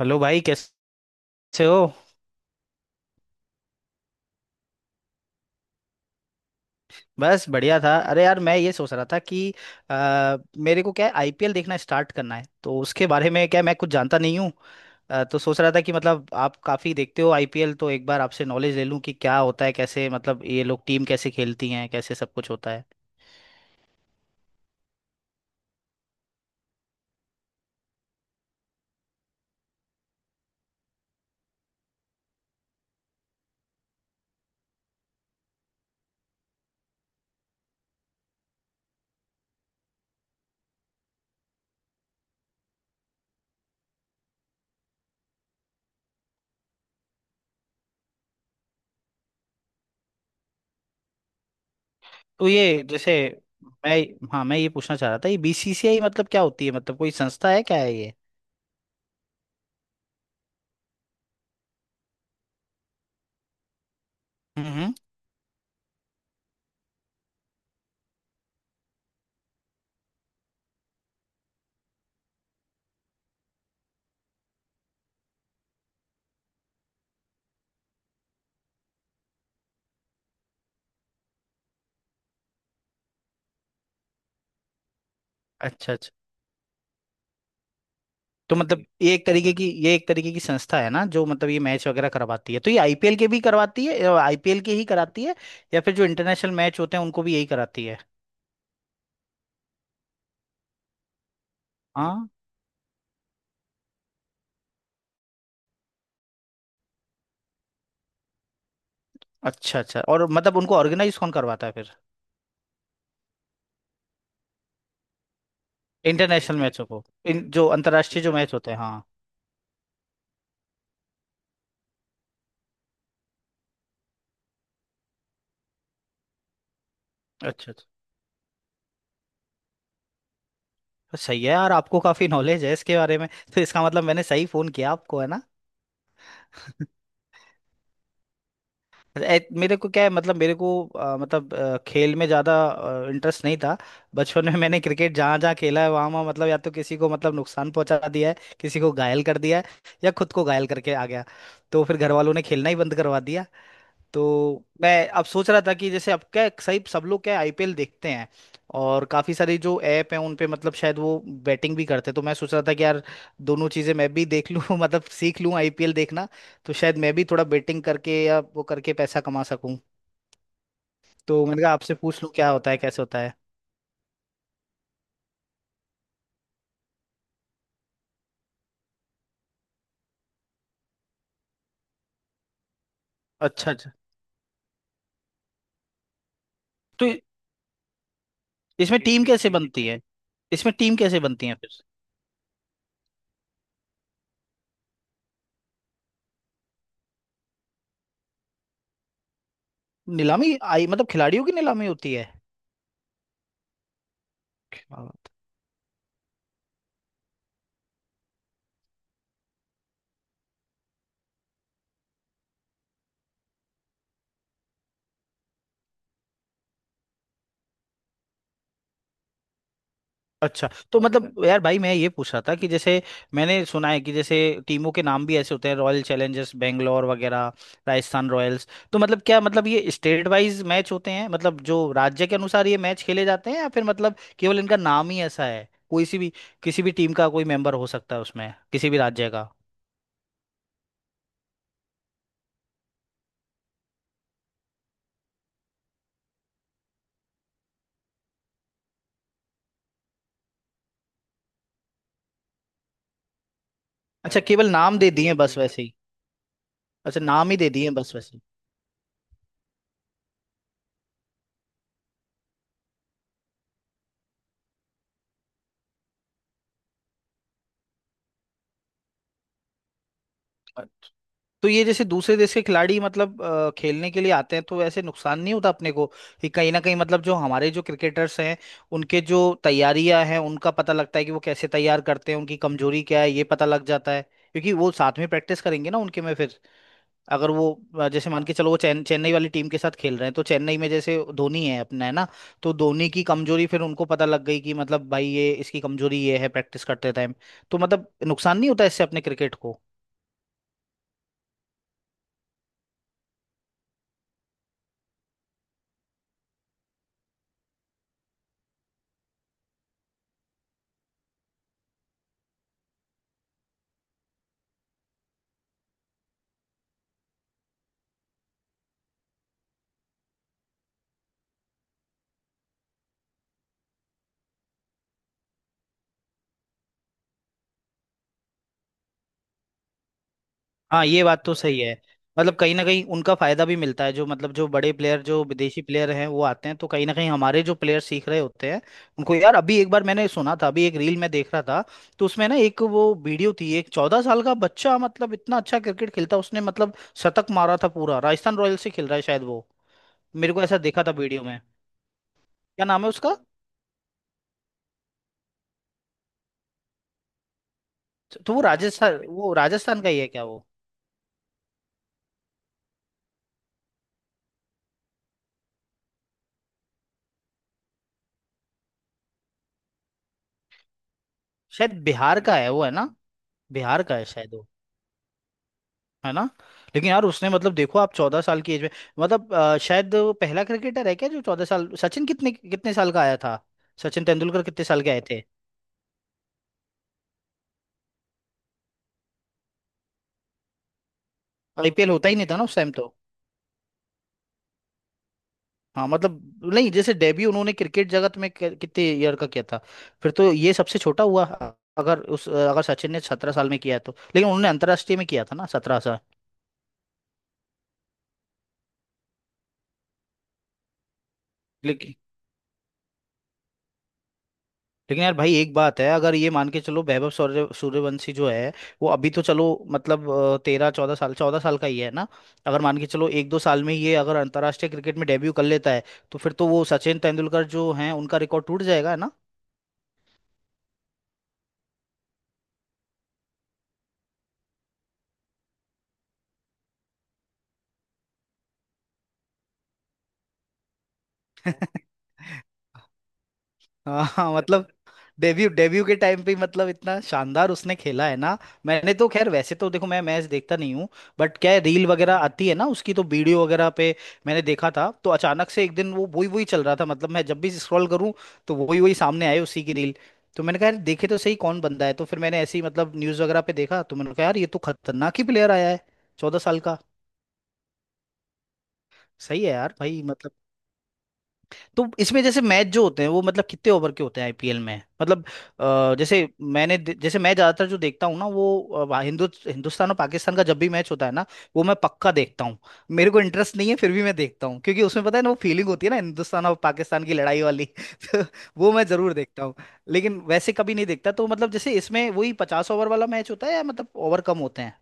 Hello भाई, कैसे हो। बस बढ़िया था। अरे यार, मैं ये सोच रहा था कि अ, मेरे को क्या है, आईपीएल देखना स्टार्ट करना है तो उसके बारे में क्या है, मैं कुछ जानता नहीं हूँ। तो सोच रहा था कि मतलब आप काफ़ी देखते हो आईपीएल, तो एक बार आपसे नॉलेज ले लूँ कि क्या होता है, कैसे मतलब ये लोग टीम कैसे खेलती हैं, कैसे सब कुछ होता है। तो ये जैसे मैं, हाँ मैं ये पूछना चाह रहा था, ये बीसीसीआई मतलब क्या होती है, मतलब कोई संस्था है क्या है ये। हम्म। अच्छा अच्छा। तो मतलब ये एक तरीके की संस्था है ना, जो मतलब ये मैच वगैरह करवाती है, तो ये आईपीएल के भी करवाती है, आईपीएल के ही कराती है या फिर जो इंटरनेशनल मैच होते हैं उनको भी यही कराती है। हाँ। अच्छा अच्छा, और मतलब उनको ऑर्गेनाइज कौन करवाता है फिर, इंटरनेशनल मैचों को, इन जो अंतर्राष्ट्रीय जो मैच होते हैं, हाँ। अच्छा अच्छा। सही है यार, आपको काफी नॉलेज है इसके बारे में, तो इसका मतलब मैंने सही फोन किया आपको, है ना। मेरे को क्या है, मतलब मेरे को खेल में ज़्यादा इंटरेस्ट नहीं था। बचपन में मैंने क्रिकेट जहाँ जहाँ खेला है वहाँ वहाँ मतलब या तो किसी को मतलब नुकसान पहुंचा दिया है, किसी को घायल कर दिया है या खुद को घायल करके आ गया। तो फिर घर वालों ने खेलना ही बंद करवा दिया। तो मैं अब सोच रहा था कि जैसे अब क्या, सही सब लोग क्या आईपीएल देखते हैं, और काफ़ी सारी जो ऐप हैं उन पे मतलब शायद वो बैटिंग भी करते हैं, तो मैं सोच रहा था कि यार दोनों चीज़ें मैं भी देख लूँ मतलब सीख लूँ आईपीएल देखना, तो शायद मैं भी थोड़ा बैटिंग करके या वो करके पैसा कमा सकूँ, तो मैंने कहा आपसे पूछ लूँ क्या होता है कैसे होता है। अच्छा अच्छा। तो इसमें टीम कैसे बनती है इसमें टीम कैसे बनती है फिर। नीलामी आई, मतलब खिलाड़ियों की नीलामी होती है। अच्छा। तो मतलब यार भाई, मैं ये पूछ रहा था कि जैसे मैंने सुना है कि जैसे टीमों के नाम भी ऐसे होते हैं, रॉयल चैलेंजर्स बेंगलोर वगैरह, राजस्थान रॉयल्स, तो मतलब क्या मतलब, ये स्टेट वाइज मैच होते हैं मतलब जो राज्य के अनुसार ये मैच खेले जाते हैं, या फिर मतलब केवल इनका नाम ही ऐसा है, कोई सी भी किसी भी टीम का कोई मेंबर हो सकता है उसमें, किसी भी राज्य का। अच्छा, केवल नाम दे दिए बस वैसे ही। अच्छा, नाम ही दे दिए बस वैसे ही। तो ये जैसे दूसरे देश के खिलाड़ी मतलब खेलने के लिए आते हैं, तो ऐसे नुकसान नहीं होता अपने को कि कहीं ना कहीं, मतलब जो हमारे जो क्रिकेटर्स हैं उनके जो तैयारियां हैं उनका पता लगता है कि वो कैसे तैयार करते हैं, उनकी कमजोरी क्या है ये पता लग जाता है, क्योंकि वो साथ में प्रैक्टिस करेंगे ना उनके में फिर, अगर वो जैसे मान के चलो वो चेन्नई वाली टीम के साथ खेल रहे हैं, तो चेन्नई में जैसे धोनी है अपना, है ना। तो धोनी की कमजोरी फिर उनको पता लग गई कि मतलब भाई ये इसकी कमजोरी ये है प्रैक्टिस करते टाइम, तो मतलब नुकसान नहीं होता इससे अपने क्रिकेट को। हाँ, ये बात तो सही है। मतलब कहीं ना कहीं उनका फायदा भी मिलता है, जो मतलब जो बड़े प्लेयर जो विदेशी प्लेयर हैं वो आते हैं, तो कहीं ना कहीं हमारे जो प्लेयर सीख रहे होते हैं उनको। यार अभी एक बार मैंने सुना था, अभी एक रील में देख रहा था, तो उसमें ना एक वो वीडियो थी, एक चौदह साल का बच्चा मतलब इतना अच्छा क्रिकेट खेलता है, उसने मतलब शतक मारा था पूरा, राजस्थान रॉयल्स से खेल रहा है शायद वो, मेरे को ऐसा देखा था वीडियो में। क्या नाम है उसका। तो वो राजस्थान, वो राजस्थान का ही है क्या वो, शायद बिहार का है वो, है ना। बिहार का है शायद वो, है ना। लेकिन यार उसने मतलब देखो आप, 14 साल की एज में मतलब शायद वो पहला क्रिकेटर है क्या जो 14 साल, सचिन कितने कितने साल का आया था, सचिन तेंदुलकर कितने साल के आए थे। आईपीएल होता ही नहीं था ना उस टाइम तो। हाँ, मतलब नहीं जैसे डेब्यू उन्होंने क्रिकेट जगत में कितने ईयर का किया था, फिर तो ये सबसे छोटा हुआ। अगर उस, अगर सचिन ने 17 साल में किया है तो, लेकिन उन्होंने अंतर्राष्ट्रीय में किया था ना 17 साल। लेकिन यार भाई एक बात है, अगर ये मान के चलो वैभव सूर्यवंशी जो है, वो अभी तो चलो मतलब 13-14 साल, 14 साल का ही है ना। अगर मान के चलो एक दो साल में ये अगर अंतर्राष्ट्रीय क्रिकेट में डेब्यू कर लेता है तो फिर तो वो सचिन तेंदुलकर जो हैं उनका रिकॉर्ड टूट जाएगा, है ना। हाँ हाँ, मतलब डेब्यू, डेब्यू के टाइम पे ही मतलब इतना शानदार उसने खेला है ना। मैंने तो खैर वैसे तो देखो मैं मैच देखता नहीं हूँ, बट क्या है रील वगैरह आती है ना उसकी, तो वीडियो वगैरह पे मैंने देखा था, तो अचानक से एक दिन वो वही वही चल रहा था, मतलब मैं जब भी स्क्रॉल करूँ तो वही वही सामने आए उसी की रील, तो मैंने कहा यार देखे तो सही कौन बंदा है, तो फिर मैंने ऐसे ही मतलब न्यूज़ वगैरह पे देखा, तो मैंने कहा यार ये तो खतरनाक ही प्लेयर आया है, 14 साल का। सही है यार भाई मतलब। तो इसमें जैसे मैच जो होते हैं वो मतलब कितने ओवर के होते हैं आईपीएल में मतलब, जैसे मैंने जैसे मैं ज्यादातर जो देखता हूँ ना वो हिंदुस्तान और पाकिस्तान का जब भी मैच होता है ना वो मैं पक्का देखता हूँ, मेरे को इंटरेस्ट नहीं है फिर भी मैं देखता हूँ क्योंकि उसमें पता है ना वो फीलिंग होती है ना हिंदुस्तान और पाकिस्तान की लड़ाई वाली तो वो मैं जरूर देखता हूँ। लेकिन वैसे कभी नहीं देखता तो मतलब जैसे इसमें वही 50 ओवर वाला मैच होता है या मतलब ओवर कम होते हैं।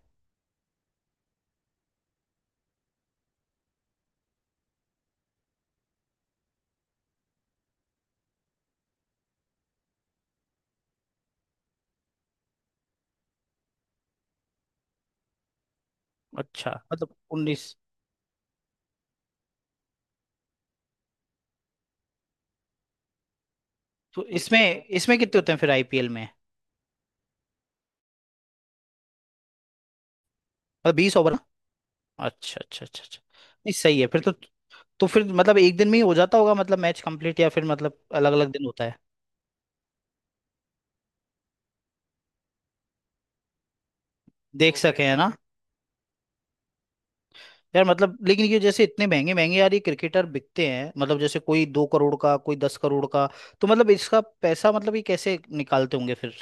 अच्छा, मतलब उन्नीस, तो इसमें इसमें कितने होते हैं फिर आईपीएल में। मतलब 20 ओवर। अच्छा अच्छा अच्छा अच्छा, नहीं सही है फिर तो। तो फिर मतलब एक दिन में ही हो जाता होगा मतलब मैच कंप्लीट, या फिर मतलब अलग अलग दिन होता है। देख वो सके, है ना, बिल्कुल। यार मतलब लेकिन ये जैसे इतने महंगे महंगे यार ये क्रिकेटर बिकते हैं, मतलब जैसे कोई 2 करोड़ का कोई 10 करोड़ का, तो मतलब इसका पैसा मतलब ये कैसे निकालते होंगे फिर।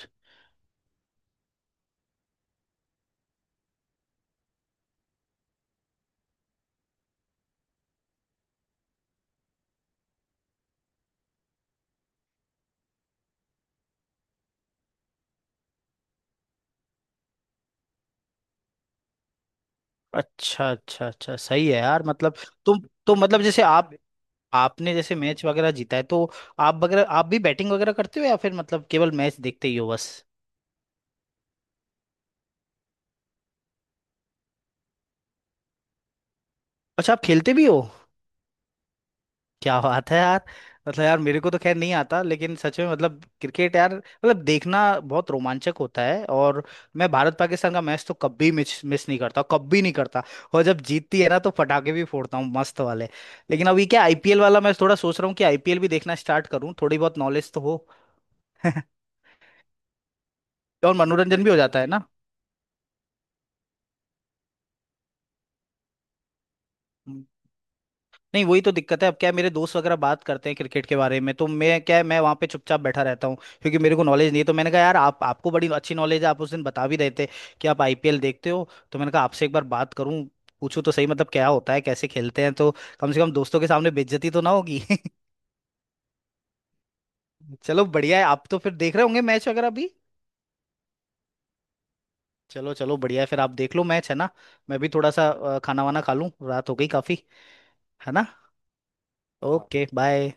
अच्छा अच्छा अच्छा, सही है यार मतलब। तुम, तो मतलब जैसे आप, आपने जैसे मैच वगैरह जीता है तो आप वगैरह आप भी बैटिंग वगैरह करते हो या फिर मतलब केवल मैच देखते ही हो बस। अच्छा आप खेलते भी हो, क्या बात है यार। मतलब यार मेरे को तो खैर नहीं आता, लेकिन सच में मतलब क्रिकेट यार मतलब देखना बहुत रोमांचक होता है, और मैं भारत पाकिस्तान का मैच तो कभी मिस मिस नहीं करता, कभी नहीं करता, और जब जीतती है ना तो पटाखे भी फोड़ता हूँ मस्त वाले। लेकिन अभी क्या आईपीएल वाला मैं थोड़ा सोच रहा हूँ कि आईपीएल भी देखना स्टार्ट करूँ, थोड़ी बहुत नॉलेज तो हो और मनोरंजन भी हो जाता है ना। नहीं वही तो दिक्कत है, अब क्या है, मेरे दोस्त वगैरह बात करते हैं क्रिकेट के बारे में, तो मैं क्या है, मैं वहाँ पे चुपचाप बैठा रहता हूँ, क्योंकि मेरे को नॉलेज नहीं है। तो मैंने कहा यार आप, आपको बड़ी अच्छी नॉलेज है, आप उस दिन बता भी रहे थे कि आप आईपीएल देखते हो, तो मैंने कहा आपसे एक बार बात करूं, पूछूं तो सही मतलब क्या होता है कैसे खेलते हैं, तो कम से कम दोस्तों के सामने बेइज्जती तो ना होगी। चलो बढ़िया है, आप तो फिर देख रहे होंगे मैच वगैरह भी। चलो चलो बढ़िया है, फिर आप देख लो मैच, है ना। मैं भी थोड़ा सा खाना वाना खा लूं, रात हो गई काफी, है ना। Okay bye.